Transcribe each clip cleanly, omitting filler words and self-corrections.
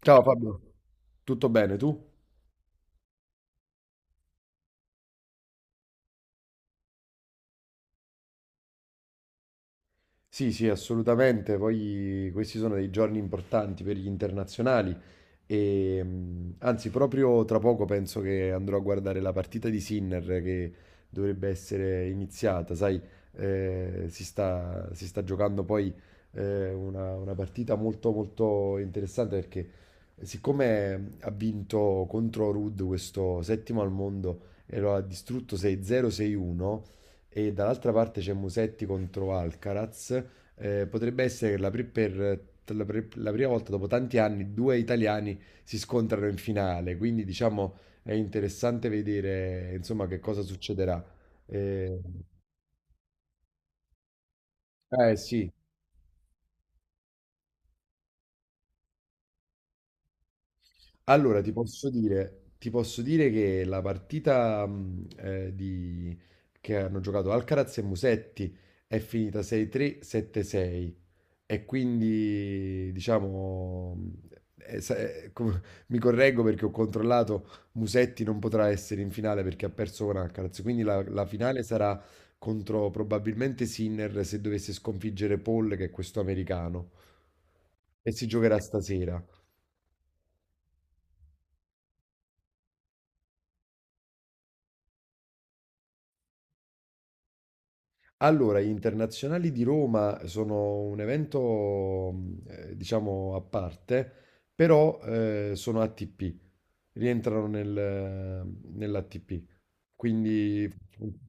Ciao Fabio, tutto bene tu? Sì, sì, assolutamente. Poi questi sono dei giorni importanti per gli internazionali. E, anzi, proprio tra poco penso che andrò a guardare la partita di Sinner che dovrebbe essere iniziata. Sai, si sta giocando poi una partita molto, molto interessante perché siccome ha vinto contro Ruud questo settimo al mondo e lo ha distrutto 6-0, 6-1, e dall'altra parte c'è Musetti contro Alcaraz. Potrebbe essere che la prima volta dopo tanti anni due italiani si scontrano in finale, quindi diciamo è interessante vedere insomma che cosa succederà. Eh, sì, allora ti posso dire che la partita che hanno giocato Alcaraz e Musetti è finita 6-3, 7-6. E quindi, diciamo, eh, eh, sa- eh, com- mi correggo perché ho controllato, Musetti non potrà essere in finale perché ha perso con Alcaraz, quindi la finale sarà contro probabilmente Sinner se dovesse sconfiggere Paul, che è questo americano, e si giocherà stasera. Allora, gli internazionali di Roma sono un evento, diciamo, a parte, però sono ATP. Rientrano nell'ATP. Quindi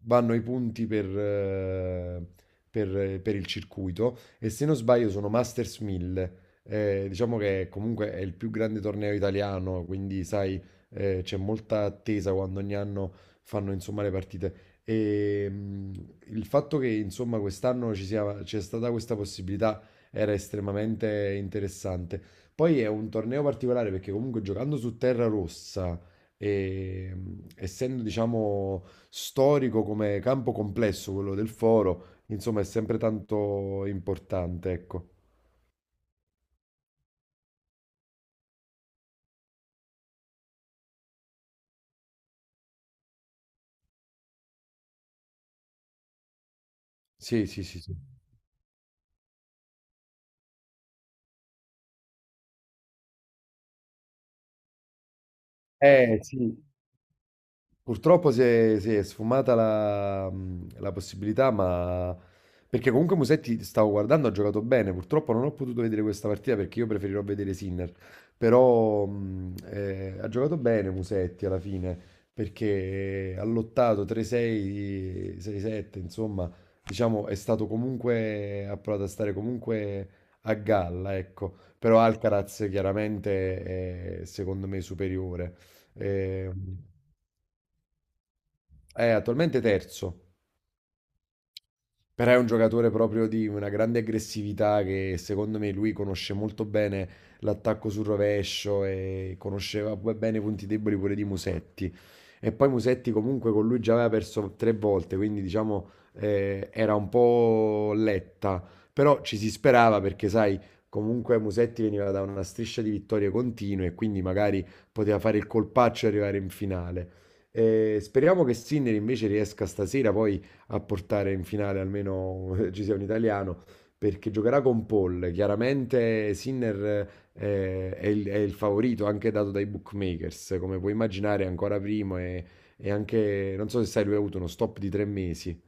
vanno i punti per il circuito, e se non sbaglio sono Masters 1000. Diciamo che comunque è il più grande torneo italiano, quindi sai, c'è molta attesa quando ogni anno fanno insomma le partite. E, mh, il fatto che insomma quest'anno ci sia, c'è stata questa possibilità era estremamente interessante. Poi è un torneo particolare perché comunque giocando su terra rossa, essendo diciamo storico come campo complesso quello del Foro, insomma è sempre tanto importante, ecco. Sì, sì, sì, sì. Sì. Purtroppo si è sfumata la possibilità, ma perché comunque Musetti, stavo guardando, ha giocato bene. Purtroppo non ho potuto vedere questa partita perché io preferirò vedere Sinner. Però ha giocato bene Musetti alla fine perché ha lottato 3-6, 6-7, insomma, diciamo è stato comunque, ha provato a stare comunque a galla, ecco. Però Alcaraz chiaramente è secondo me superiore. Eh, è attualmente terzo, però è un giocatore proprio di una grande aggressività che secondo me lui conosce molto bene l'attacco sul rovescio e conosceva pure bene i punti deboli pure di Musetti. E poi Musetti comunque con lui già aveva perso tre volte, quindi diciamo era un po' letta, però ci si sperava perché sai, comunque Musetti veniva da una striscia di vittorie continue e quindi magari poteva fare il colpaccio e arrivare in finale. Speriamo che Sinner invece riesca stasera poi a portare in finale, almeno ci sia un italiano, perché giocherà con Paul. Chiaramente Sinner è il favorito, anche dato dai bookmakers, come puoi immaginare, è ancora primo, e anche, non so se sai, lui ha avuto uno stop di 3 mesi.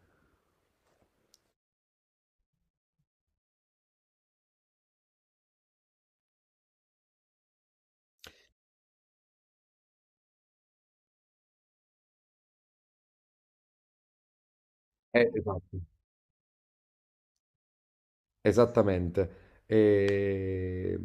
Esatto. Esattamente. E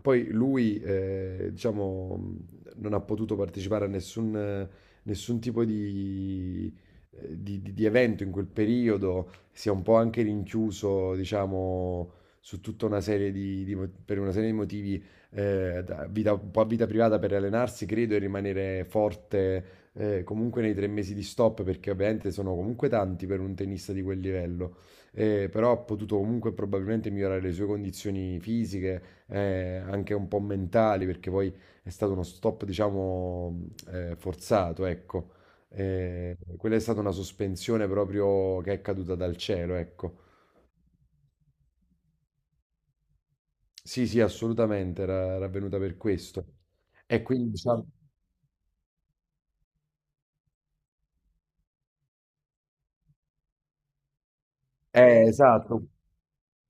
poi lui, diciamo, non ha potuto partecipare a nessun tipo di, di evento in quel periodo, si è un po' anche rinchiuso, diciamo, su tutta una serie di, per una serie di motivi, un po' a vita privata per allenarsi, credo, e rimanere forte, comunque nei 3 mesi di stop, perché ovviamente sono comunque tanti per un tennista di quel livello, però ha potuto comunque probabilmente migliorare le sue condizioni fisiche, anche un po' mentali, perché poi è stato uno stop, diciamo, forzato, ecco. Quella è stata una sospensione proprio che è caduta dal cielo, ecco. Sì, sì, assolutamente, era avvenuta per questo. E quindi, diciamo, esatto,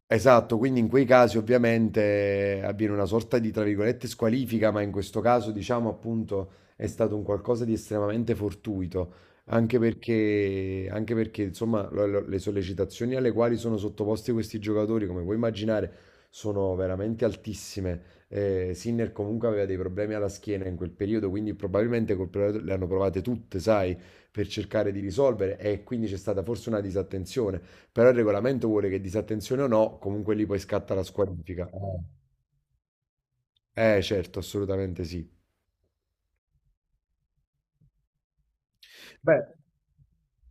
esatto, quindi in quei casi ovviamente avviene una sorta di, tra virgolette, squalifica, ma in questo caso diciamo appunto è stato un qualcosa di estremamente fortuito, anche perché insomma le sollecitazioni alle quali sono sottoposti questi giocatori, come puoi immaginare, sono veramente altissime. Sinner comunque aveva dei problemi alla schiena in quel periodo, quindi probabilmente col periodo le hanno provate tutte, sai, per cercare di risolvere, e quindi c'è stata forse una disattenzione. Però il regolamento vuole che, disattenzione o no, comunque lì poi scatta la squalifica. Certo, assolutamente sì. Beh.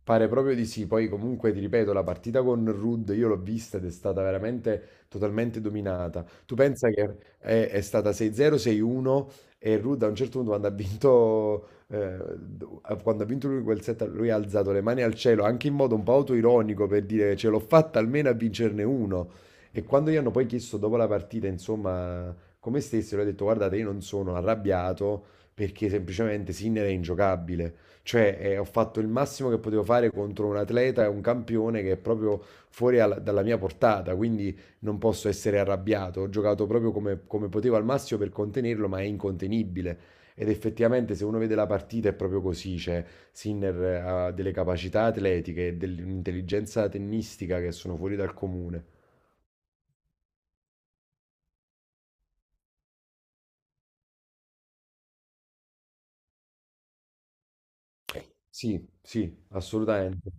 Pare proprio di sì, poi comunque ti ripeto, la partita con Rudd io l'ho vista ed è stata veramente totalmente dominata. Tu pensa che è stata 6-0, 6-1, e Rudd a un certo punto, quando ha vinto lui quel set, lui ha alzato le mani al cielo, anche in modo un po' autoironico, per dire ce l'ho fatta almeno a vincerne uno. E quando gli hanno poi chiesto dopo la partita, insomma, come stessero, ha detto guardate, io non sono arrabbiato perché semplicemente Sinner è ingiocabile. Cioè, ho fatto il massimo che potevo fare contro un atleta e un campione che è proprio fuori dalla mia portata, quindi non posso essere arrabbiato. Ho giocato proprio come potevo al massimo per contenerlo, ma è incontenibile. Ed effettivamente, se uno vede la partita, è proprio così. Cioè, Sinner ha delle capacità atletiche e dell'intelligenza tennistica che sono fuori dal comune. Sì, sì, assolutamente.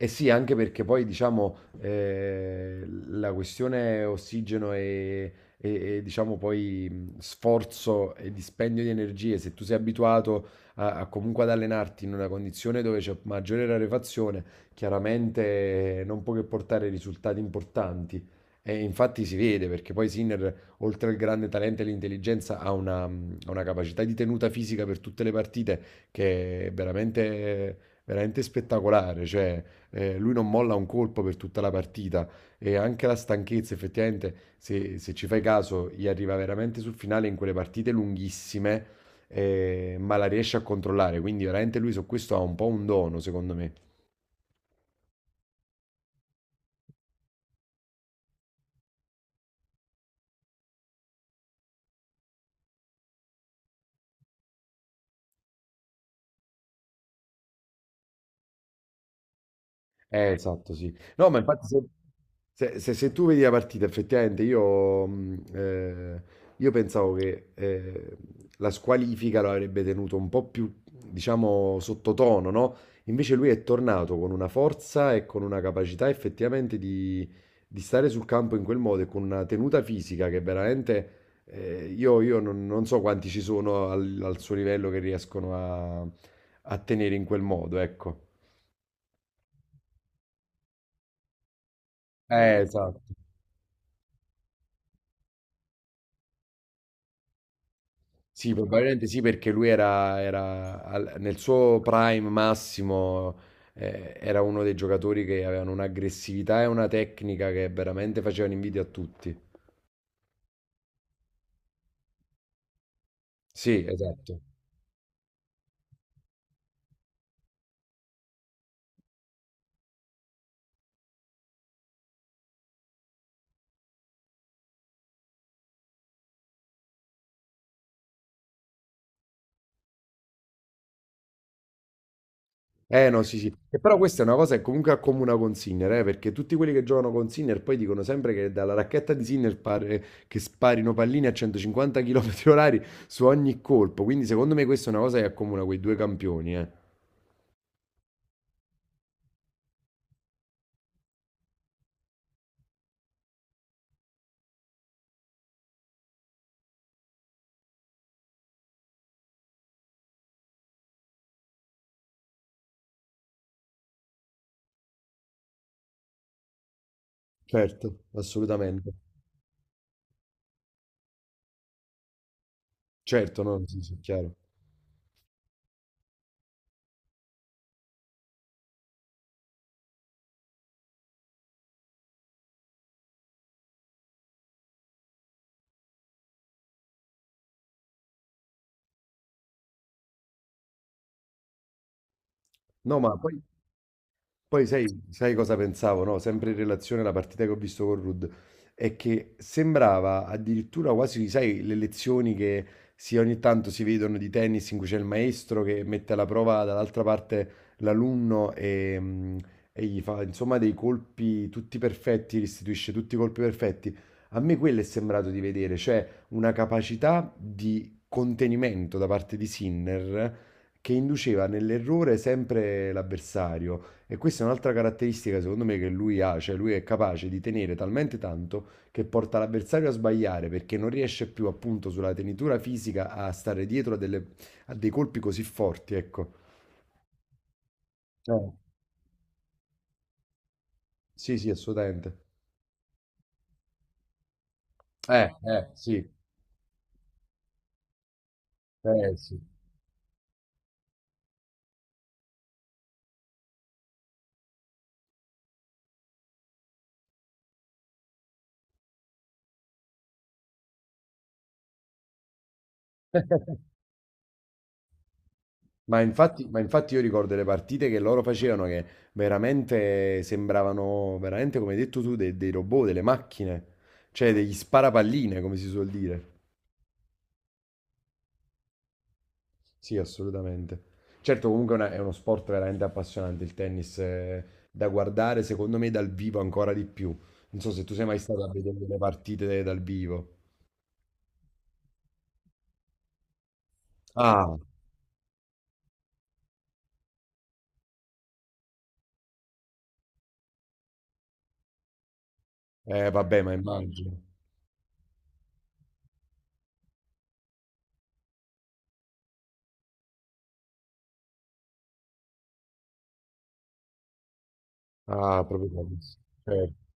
Eh sì, anche perché poi diciamo la questione ossigeno e, diciamo poi sforzo e dispendio di energie, se tu sei abituato a comunque ad allenarti in una condizione dove c'è maggiore rarefazione, chiaramente non può che portare risultati importanti. E infatti si vede perché poi Sinner, oltre al grande talento e l'intelligenza, ha una capacità di tenuta fisica per tutte le partite che è veramente, veramente spettacolare. Cioè, lui non molla un colpo per tutta la partita, e anche la stanchezza, effettivamente, se ci fai caso, gli arriva veramente sul finale in quelle partite lunghissime, ma la riesce a controllare. Quindi veramente lui su questo ha un po' un dono, secondo me. Esatto, sì. No, ma infatti se tu vedi la partita, effettivamente io pensavo che la squalifica lo avrebbe tenuto un po' più, diciamo, sottotono, no? Invece lui è tornato con una forza e con una capacità effettivamente di stare sul campo in quel modo e con una tenuta fisica che veramente io non so quanti ci sono al suo livello che riescono a tenere in quel modo, ecco. Esatto. Sì, probabilmente sì, perché lui era nel suo prime massimo, era uno dei giocatori che avevano un'aggressività e una tecnica che veramente facevano invidia a tutti. Sì, esatto. Eh no, sì, sì. E però questa è una cosa che comunque accomuna con Sinner, perché tutti quelli che giocano con Sinner poi dicono sempre che dalla racchetta di Sinner pare che sparino palline a 150 km orari su ogni colpo. Quindi secondo me questa è una cosa che accomuna quei due campioni, eh. Certo, assolutamente. Certo, no, sì, sì, chiaro. No, ma poi sai cosa pensavo, no? Sempre in relazione alla partita che ho visto con Rudd, è che sembrava addirittura quasi, sai, le lezioni che si, ogni tanto si vedono di tennis, in cui c'è il maestro che mette alla prova dall'altra parte l'alunno e gli fa, insomma, dei colpi tutti perfetti, restituisce tutti i colpi perfetti. A me quello è sembrato di vedere, cioè una capacità di contenimento da parte di Sinner che induceva nell'errore sempre l'avversario. E questa è un'altra caratteristica secondo me che lui ha, cioè lui è capace di tenere talmente tanto che porta l'avversario a sbagliare perché non riesce più, appunto, sulla tenitura fisica a stare dietro a, a dei colpi così forti, ecco. Eh, sì, sì, assolutamente. Sì, sì. Ma infatti io ricordo le partite che loro facevano che veramente sembravano, veramente come hai detto tu, dei robot, delle macchine, cioè degli sparapalline, come si suol dire. Sì, assolutamente. Certo, comunque è è uno sport veramente appassionante il tennis, da guardare secondo me dal vivo ancora di più. Non so se tu sei mai stato a vedere delle partite dal vivo. Ah, vabbè, ma immagino. Ah, proprio quello. Certo.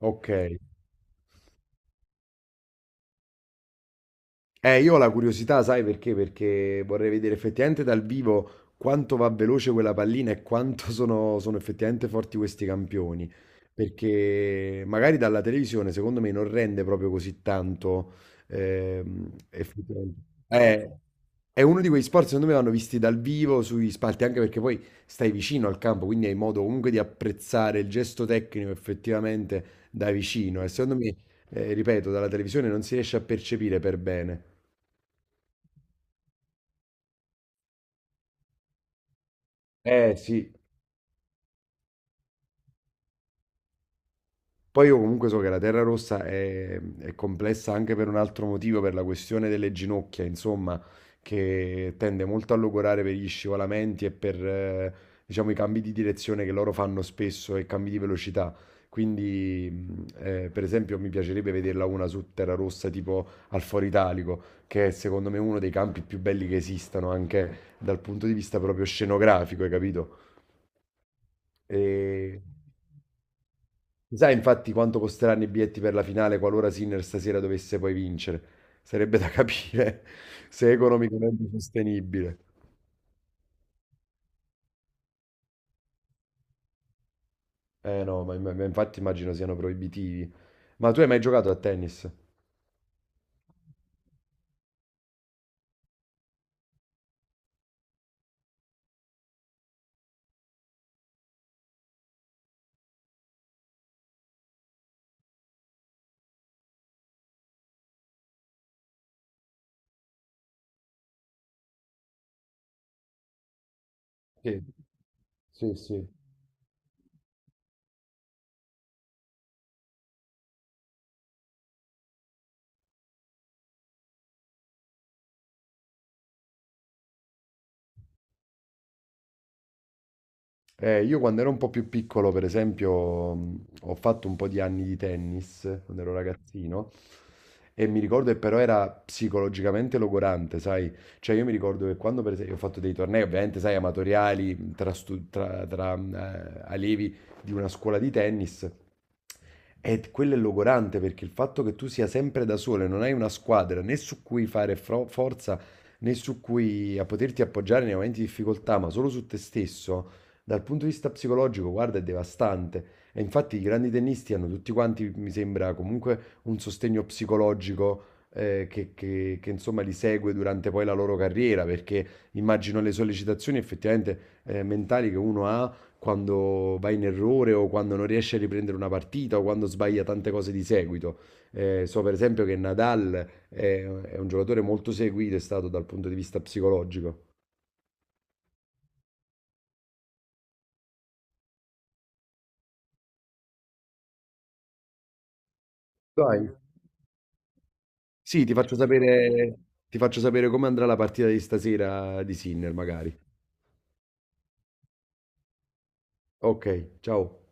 Ok. Io ho la curiosità, sai perché? Perché vorrei vedere effettivamente dal vivo quanto va veloce quella pallina e quanto sono effettivamente forti questi campioni. Perché magari dalla televisione, secondo me, non rende proprio così tanto. Effettivamente. Eh, è uno di quegli sport, secondo me, vanno visti dal vivo sui spalti, anche perché poi stai vicino al campo, quindi hai modo comunque di apprezzare il gesto tecnico effettivamente da vicino. E secondo me, ripeto, dalla televisione non si riesce a percepire per bene. Eh sì, poi io comunque so che la terra rossa è complessa anche per un altro motivo, per la questione delle ginocchia, insomma, che tende molto a logorare per gli scivolamenti e per, diciamo, i cambi di direzione che loro fanno spesso e cambi di velocità. Quindi, per esempio, mi piacerebbe vederla una su terra rossa tipo al Foro Italico, che è secondo me uno dei campi più belli che esistano, anche dal punto di vista proprio scenografico, hai capito? E... Sai infatti quanto costeranno i biglietti per la finale qualora Sinner stasera dovesse poi vincere? Sarebbe da capire se è economicamente sostenibile. Eh no, ma infatti immagino siano proibitivi. Ma tu hai mai giocato a tennis? Sì, sì, sì. Io quando ero un po' più piccolo, per esempio, ho fatto un po' di anni di tennis, quando ero ragazzino. E mi ricordo che però era psicologicamente logorante, sai? Cioè io mi ricordo che quando per esempio ho fatto dei tornei, ovviamente, sai, amatoriali, tra allievi di una scuola di tennis, e quello è logorante perché il fatto che tu sia sempre da solo e non hai una squadra né su cui fare forza, né su cui a poterti appoggiare nei momenti di difficoltà, ma solo su te stesso, dal punto di vista psicologico, guarda, è devastante. E infatti i grandi tennisti hanno tutti quanti, mi sembra, comunque un sostegno psicologico che, insomma, li segue durante poi la loro carriera, perché immagino le sollecitazioni effettivamente mentali che uno ha quando va in errore o quando non riesce a riprendere una partita o quando sbaglia tante cose di seguito. So per esempio che Nadal è un giocatore molto seguito, è stato dal punto di vista psicologico. Dai. Sì, ti faccio sapere come andrà la partita di stasera di Sinner, magari. Ok, ciao.